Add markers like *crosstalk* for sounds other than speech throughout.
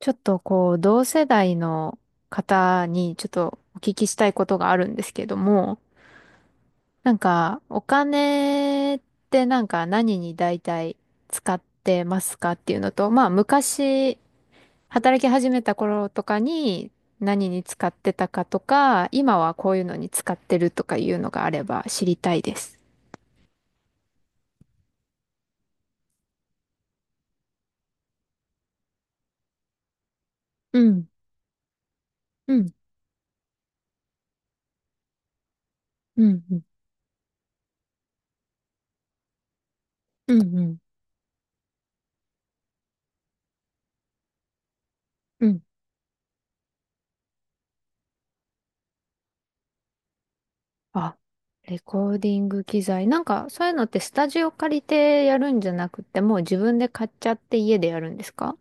ちょっとこう、同世代の方にちょっとお聞きしたいことがあるんですけども、なんか、お金ってなんか何に大体使ってますかっていうのと、まあ昔、働き始めた頃とかに何に使ってたかとか、今はこういうのに使ってるとかいうのがあれば知りたいです。うん、うん、うん、うん、うん、うん、うん。あ、レコーディング機材。なんか、そういうのってスタジオ借りてやるんじゃなくて、もう自分で買っちゃって家でやるんですか？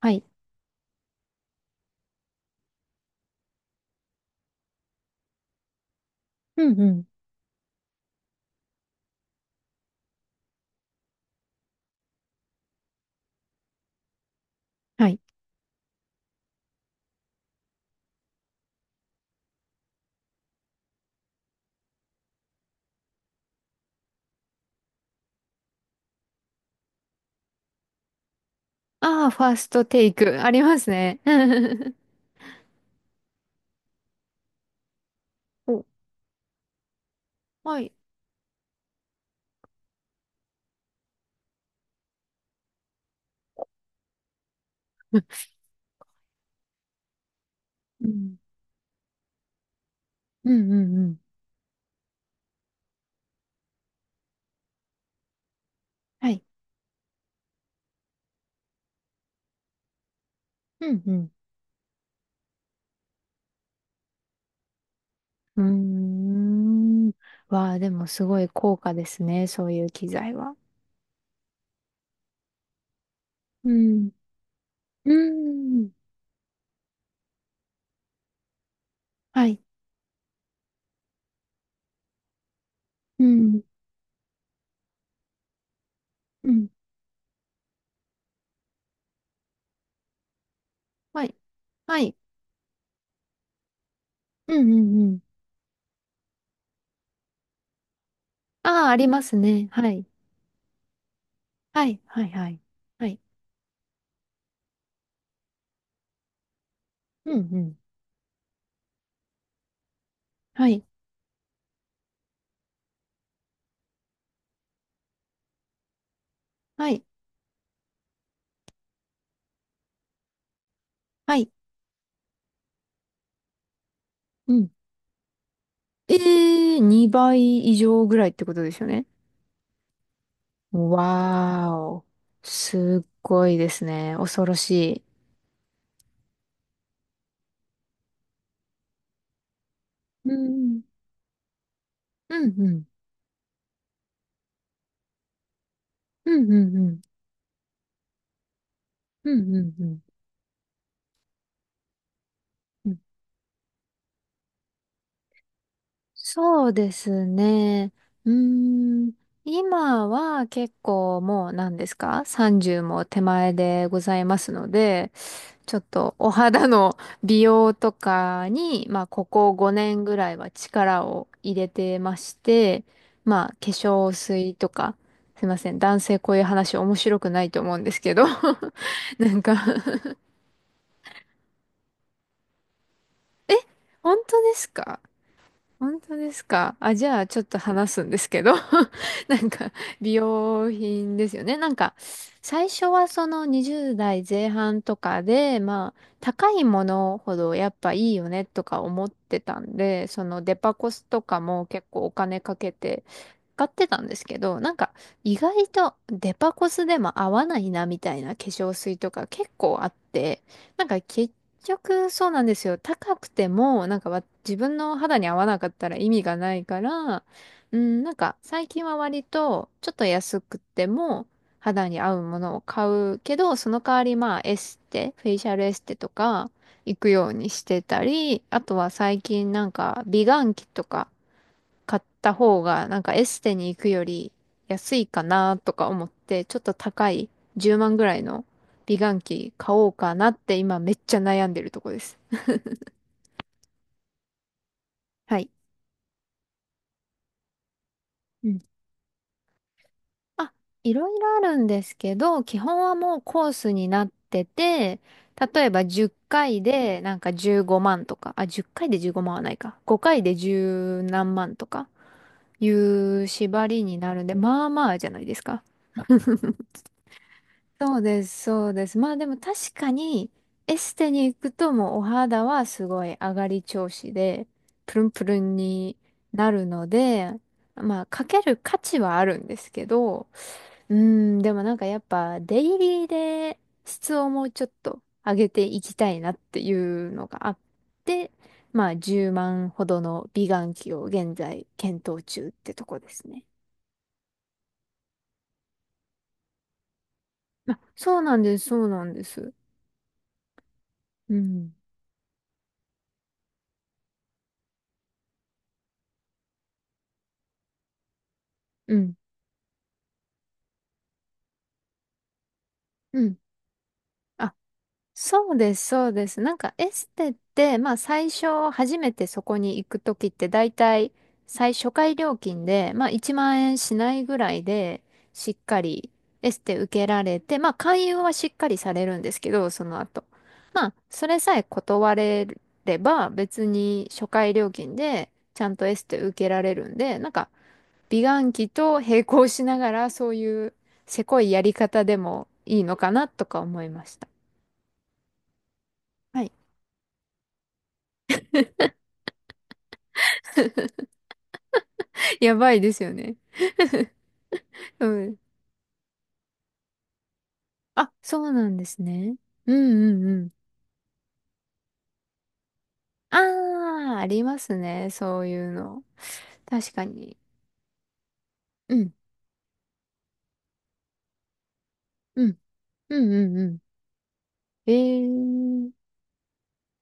はい。うんうん。はい。ああ、ファーストテイク。*laughs* ありますね。*laughs* お、はい。*laughs* うん。うんうんうん。はい。うんうん。うーん。わあ、でもすごい高価ですね。そういう機材は。うん。うん。はい。うん。うん。はい。はい。うんうんうん。ああ、ありますね。はい。はい、はい、はい。はい。うん、うん。はい、はい、はい。うん。えー、2倍以上ぐらいってことですよね。わーお。すっごいですね。恐ろしい。うん、うん、うん、うん、うん、うん、うん、うん、うん。うん、そうですね。うーん。今は結構もう何ですか？ 30 も手前でございますので、ちょっとお肌の美容とかに、まあ、ここ5年ぐらいは力を入れてまして、まあ、化粧水とか、すいません、男性こういう話面白くないと思うんですけど。 *laughs* なんか、本当ですか？本当ですか？あ、じゃあ、ちょっと話すんですけど。*laughs* なんか、美容品ですよね。なんか、最初はその20代前半とかで、まあ、高いものほどやっぱいいよねとか思ってたんで、そのデパコスとかも結構お金かけて買ってたんですけど、なんか、意外とデパコスでも合わないなみたいな化粧水とか結構あって、なんか結局そうなんですよ。高くても、なんかわ自分の肌に合わなかったら意味がないから、うん、なんか最近は割とちょっと安くても肌に合うものを買うけど、その代わりまあエステ、フェイシャルエステとか行くようにしてたり、あとは最近なんか美顔器とか買った方が、なんかエステに行くより安いかなとか思って、ちょっと高い10万ぐらいの美顔器買おうかなって今めっちゃ悩んでるとこです。はい。うん。あ、いろいろあるんですけど、基本はもうコースになってて、例えば10回でなんか15万とか、あ、10回で15万はないか。5回で十何万とかいう縛りになるんで、まあまあじゃないですか。そうです、そうです。まあでも確かに、エステに行くともうお肌はすごい上がり調子で、プルンプルンになるので、まあかける価値はあるんですけど、うん、でもなんかやっぱデイリーで質をもうちょっと上げていきたいなっていうのがあって、まあ10万ほどの美顔器を現在検討中ってとこですね。あ、そうなんです、そうなんです。うん、うん、うん。そうです、そうです。なんかエステって、まあ最初初めてそこに行くときって大体最初回料金で、まあ1万円しないぐらいでしっかりエステ受けられて、まあ勧誘はしっかりされるんですけど、その後。まあそれさえ断れれば別に初回料金でちゃんとエステ受けられるんで、なんか美顔器と並行しながらそういうせこいやり方でもいいのかなとか思いました。はい、やばいですよね。*laughs* うん。あ、そうなんですね。うんうんうん。ああ、ありますね。そういうの。確かに。うん、うん、うんうんうん。ええー、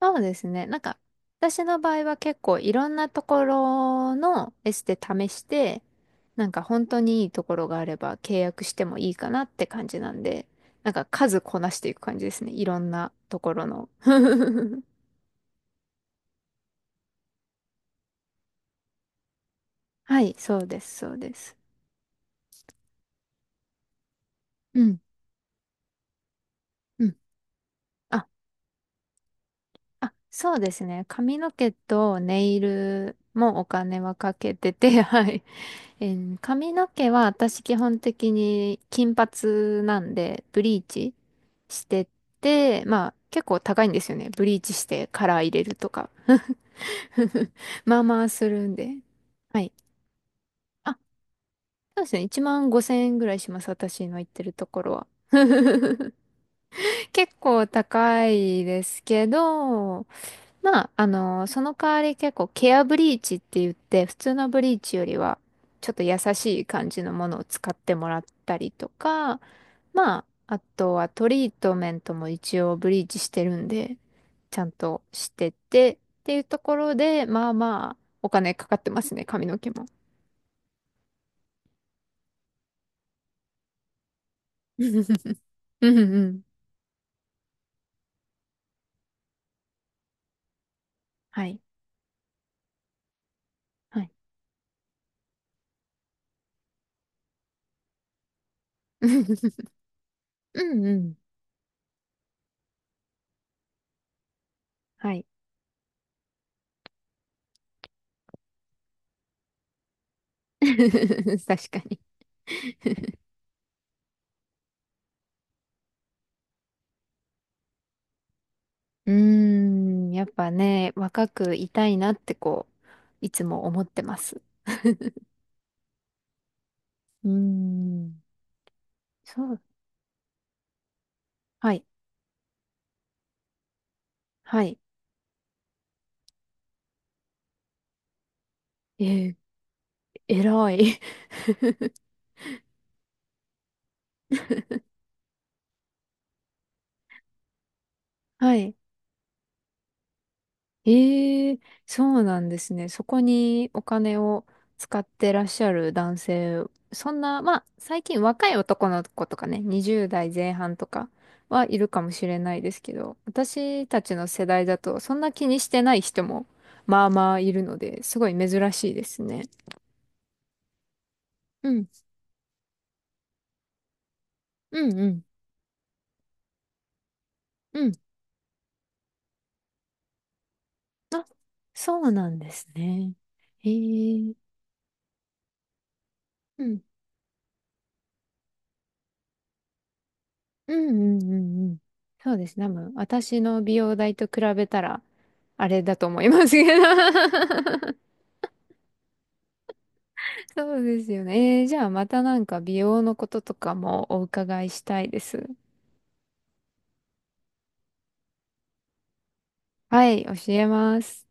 そうですね。なんか、私の場合は結構いろんなところのエステ試して、なんか本当にいいところがあれば契約してもいいかなって感じなんで、なんか数こなしていく感じですね。いろんなところの。*laughs* はい、そうです、そうです。うんうん。ああ、そうですね。髪の毛とネイルもお金はかけてて、*laughs* はい。髪の毛は私基本的に金髪なんで、ブリーチしてて、まあ結構高いんですよね。ブリーチしてカラー入れるとか。*laughs* まあまあするんで。はい。あ、そうですね。1万5千円ぐらいします。私の行ってるところは。*laughs* 結構高いですけど、まあ、その代わり結構ケアブリーチって言って、普通のブリーチよりは、ちょっと優しい感じのものを使ってもらったりとか、まあ、あとはトリートメントも一応ブリーチしてるんで、ちゃんとしてて、っていうところで、まあまあ、お金かかってますね、髪の毛も。*laughs* うんうん。はい。はい。*laughs* うんうん。はい。*laughs* 確かに。うーん、やっぱね、若くいたいなってこう、いつも思ってます。うーん、そう、はい、はい、えー、偉い。*laughs* はい。ええ、そうなんですね。そこにお金を使ってらっしゃる男性、そんな、まあ、最近若い男の子とかね、20代前半とかはいるかもしれないですけど、私たちの世代だと、そんな気にしてない人も、まあまあいるので、すごい珍しいですね。うん、うん、うん、うん。あ、そうなんですね。ええ、うん。うんうんうんうん。そうですね。多分私の美容代と比べたら、あれだと思いますけど。*laughs* そうですよね。じゃあまたなんか美容のこととかもお伺いしたいです。はい、教えます。